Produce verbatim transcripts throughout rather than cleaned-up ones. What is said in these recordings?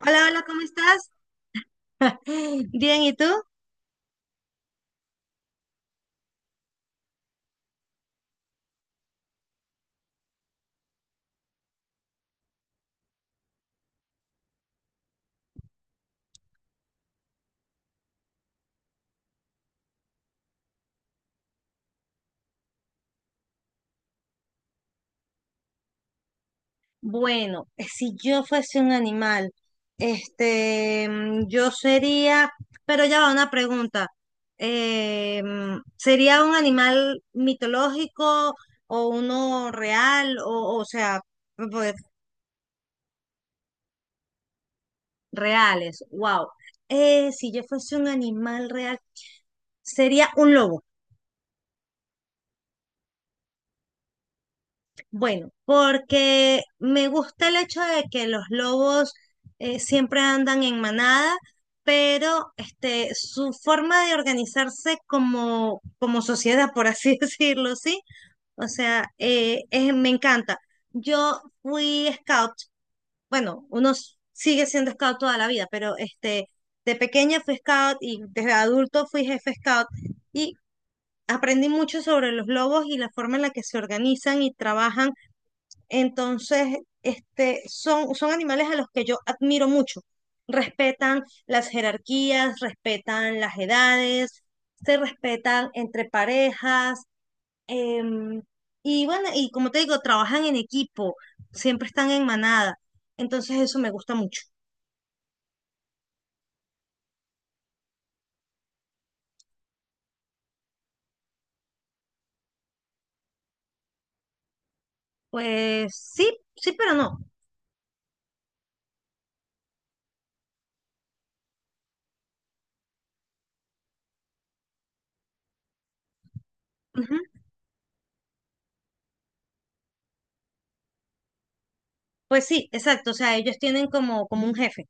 Hola, hola, ¿cómo estás? Bien, ¿y tú? Bueno, eh, si yo fuese un animal, este, mm, yo sería, pero ya va una pregunta. Eh, mm, ¿sería un animal mitológico o uno real? O, o sea, pues, reales, wow. Eh, si yo fuese un animal real, sería un lobo. Bueno, porque me gusta el hecho de que los lobos eh, siempre andan en manada, pero este, su forma de organizarse como, como sociedad, por así decirlo, ¿sí? O sea, eh, es- me encanta. Yo fui scout, bueno, uno s- sigue siendo scout toda la vida, pero este, de pequeña fui scout y desde adulto fui jefe scout y aprendí mucho sobre los lobos y la forma en la que se organizan y trabajan. Entonces, este, son, son animales a los que yo admiro mucho. Respetan las jerarquías, respetan las edades, se respetan entre parejas. em, y bueno, y como te digo, trabajan en equipo, siempre están en manada. Entonces, eso me gusta mucho. Pues sí, sí, pero no. Ujú. Pues sí, exacto. O sea, ellos tienen como, como un jefe.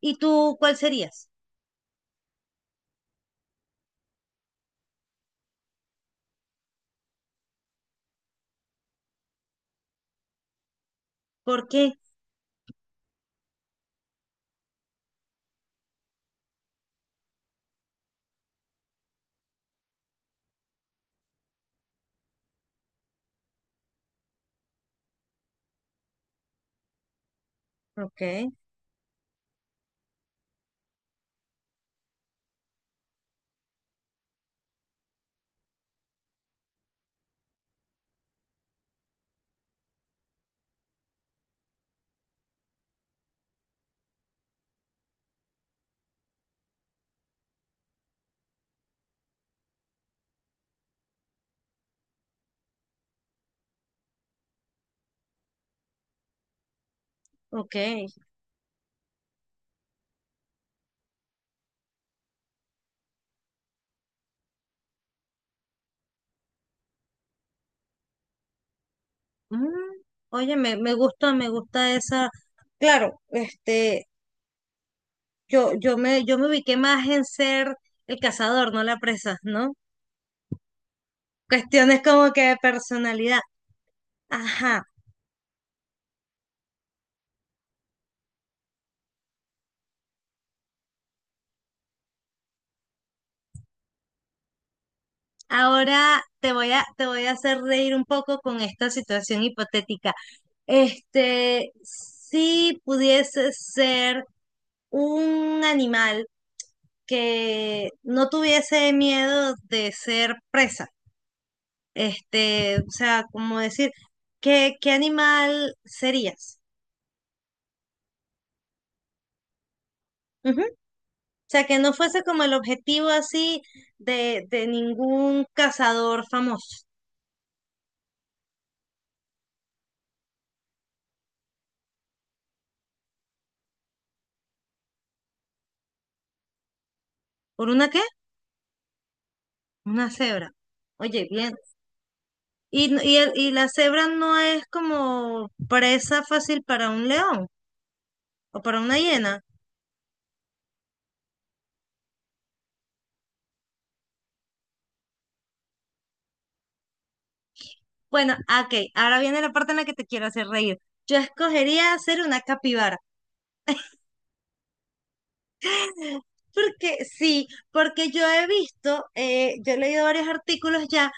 ¿Y tú cuál serías? ¿Por qué? Ok, ok. Mm, oye, me, me gusta, me gusta esa. Claro, este, yo, yo me, yo me ubiqué más en ser el cazador, no la presa, ¿no? Cuestiones como que de personalidad. Ajá. Ahora te voy a, te voy a hacer reír un poco con esta situación hipotética. Este, si pudiese ser un animal que no tuviese miedo de ser presa. Este, o sea, como decir, ¿qué, qué animal serías? Ujú. O sea, que no fuese como el objetivo así de, de ningún cazador famoso. ¿Por una qué? Una cebra. Oye, bien. Y, n- y, el- y la cebra no es como presa fácil para un león o para una hiena. Bueno, ah, ok, ahora viene la parte en la que te quiero hacer reír. Yo escogería hacer una capibara. Porque sí, porque yo he visto, eh, yo he leído varios artículos ya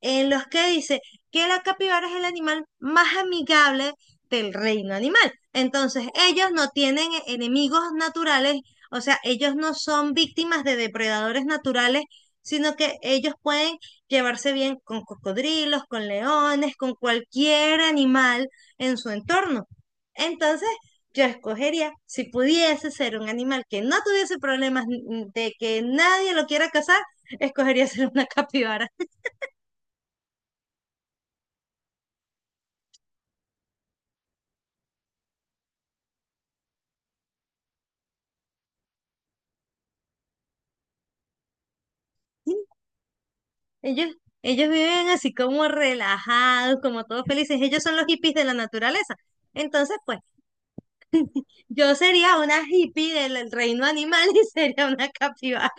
en los que dice que la capibara es el animal más amigable del reino animal. Entonces, ellos no tienen e- enemigos naturales, o sea, ellos no son víctimas de depredadores naturales, sino que ellos pueden llevarse bien con cocodrilos, con leones, con cualquier animal en su entorno. Entonces, yo escogería, si pudiese ser un animal que no tuviese problemas n- de que nadie lo quiera cazar, escogería ser una capibara. Ellos, ellos viven así como relajados, como todos felices. Ellos son los hippies de la naturaleza. Entonces, pues, yo sería una hippie del reino animal y sería una capibara.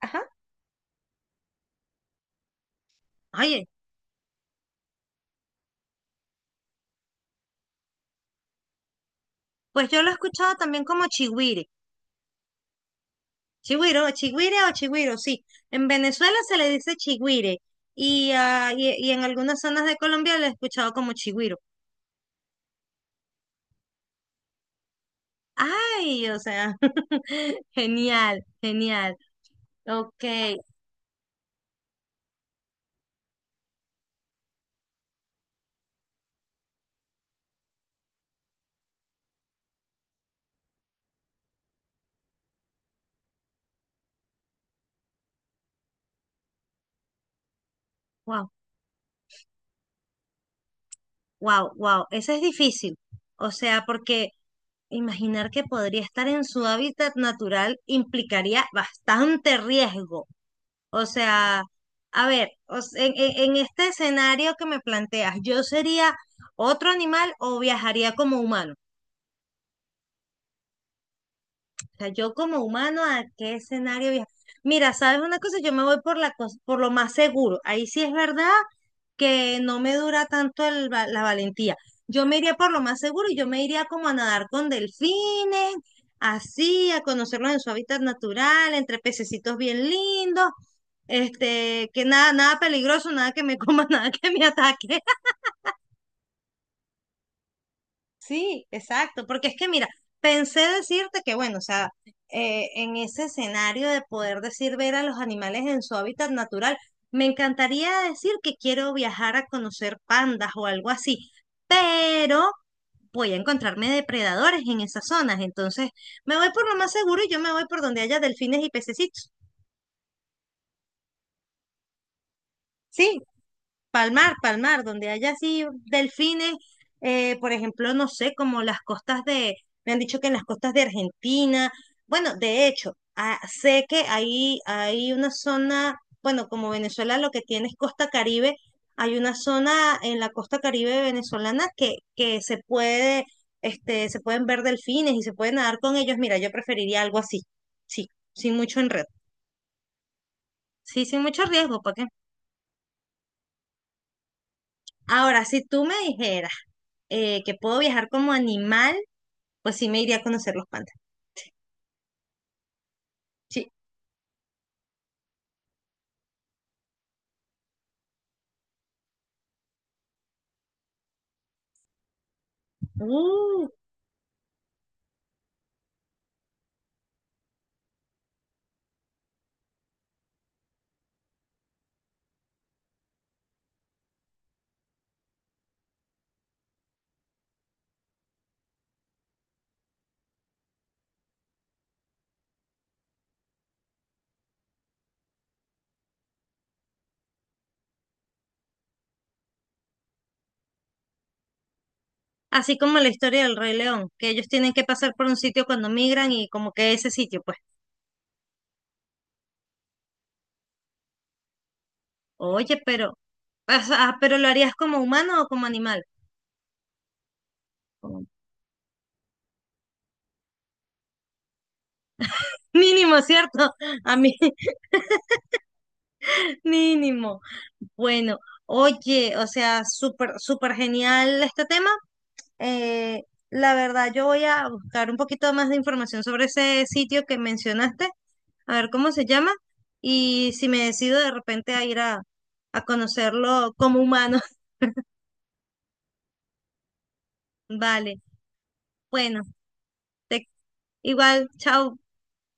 Ajá. Oye, pues yo lo he escuchado también como chigüire. Chigüiro, chigüire o chigüiro, sí. En Venezuela se le dice chigüire y, ah, y, y en algunas zonas de Colombia lo he escuchado como chigüiro. Ay, o sea, genial, genial. Ok, wow. Wow, wow, eso es difícil. O sea, porque imaginar que podría estar en su hábitat natural implicaría bastante riesgo. O sea, a ver, o s- en, en- en este escenario que me planteas, ¿yo sería otro animal o viajaría como humano? O sea, yo como humano, ¿a qué escenario viajo? Mira, ¿sabes una cosa? Yo me voy por la cos- por lo más seguro. Ahí sí es verdad que no me dura tanto el va- la valentía. Yo me iría por lo más seguro y yo me iría como a nadar con delfines, así, a conocerlos en su hábitat natural, entre pececitos bien lindos, este, que nada, nada peligroso, nada que me coma, nada que me ataque. Sí, exacto, porque es que mira, pensé decirte que bueno, o sea, eh, en ese escenario de poder decir ver a los animales en su hábitat natural, me encantaría decir que quiero viajar a conocer pandas o algo así, pero voy a encontrarme depredadores en esas zonas, entonces me voy por lo más seguro y yo me voy por donde haya delfines y pececitos. Sí, Palmar, Palmar, donde haya así delfines, eh, por ejemplo, no sé, como las costas de, me han dicho que en las costas de Argentina, bueno, de hecho, ah, sé que ahí hay una zona, bueno, como Venezuela lo que tiene es costa Caribe, hay una zona en la costa Caribe venezolana que, que se puede, este, se pueden ver delfines y se puede nadar con ellos. Mira, yo preferiría algo así, sí, sin mucho enredo, sí, sin mucho riesgo, ¿para qué? Ahora, si tú me dijeras eh, que puedo viajar como animal, pues sí me iría a conocer los pandas. Sí. Uh, así como la historia del Rey León, que ellos tienen que pasar por un sitio cuando migran y como que ese sitio, pues, oye, pero, o sea, pero ¿lo harías como humano o como animal? Mínimo, ¿cierto? A mí, mínimo. Bueno, oye, o sea, súper, súper genial este tema. Eh, la verdad, yo voy a buscar un poquito más de información sobre ese sitio que mencionaste a ver cómo se llama y si me decido de repente a ir a, a conocerlo como humano. Vale, bueno, te- igual, chao.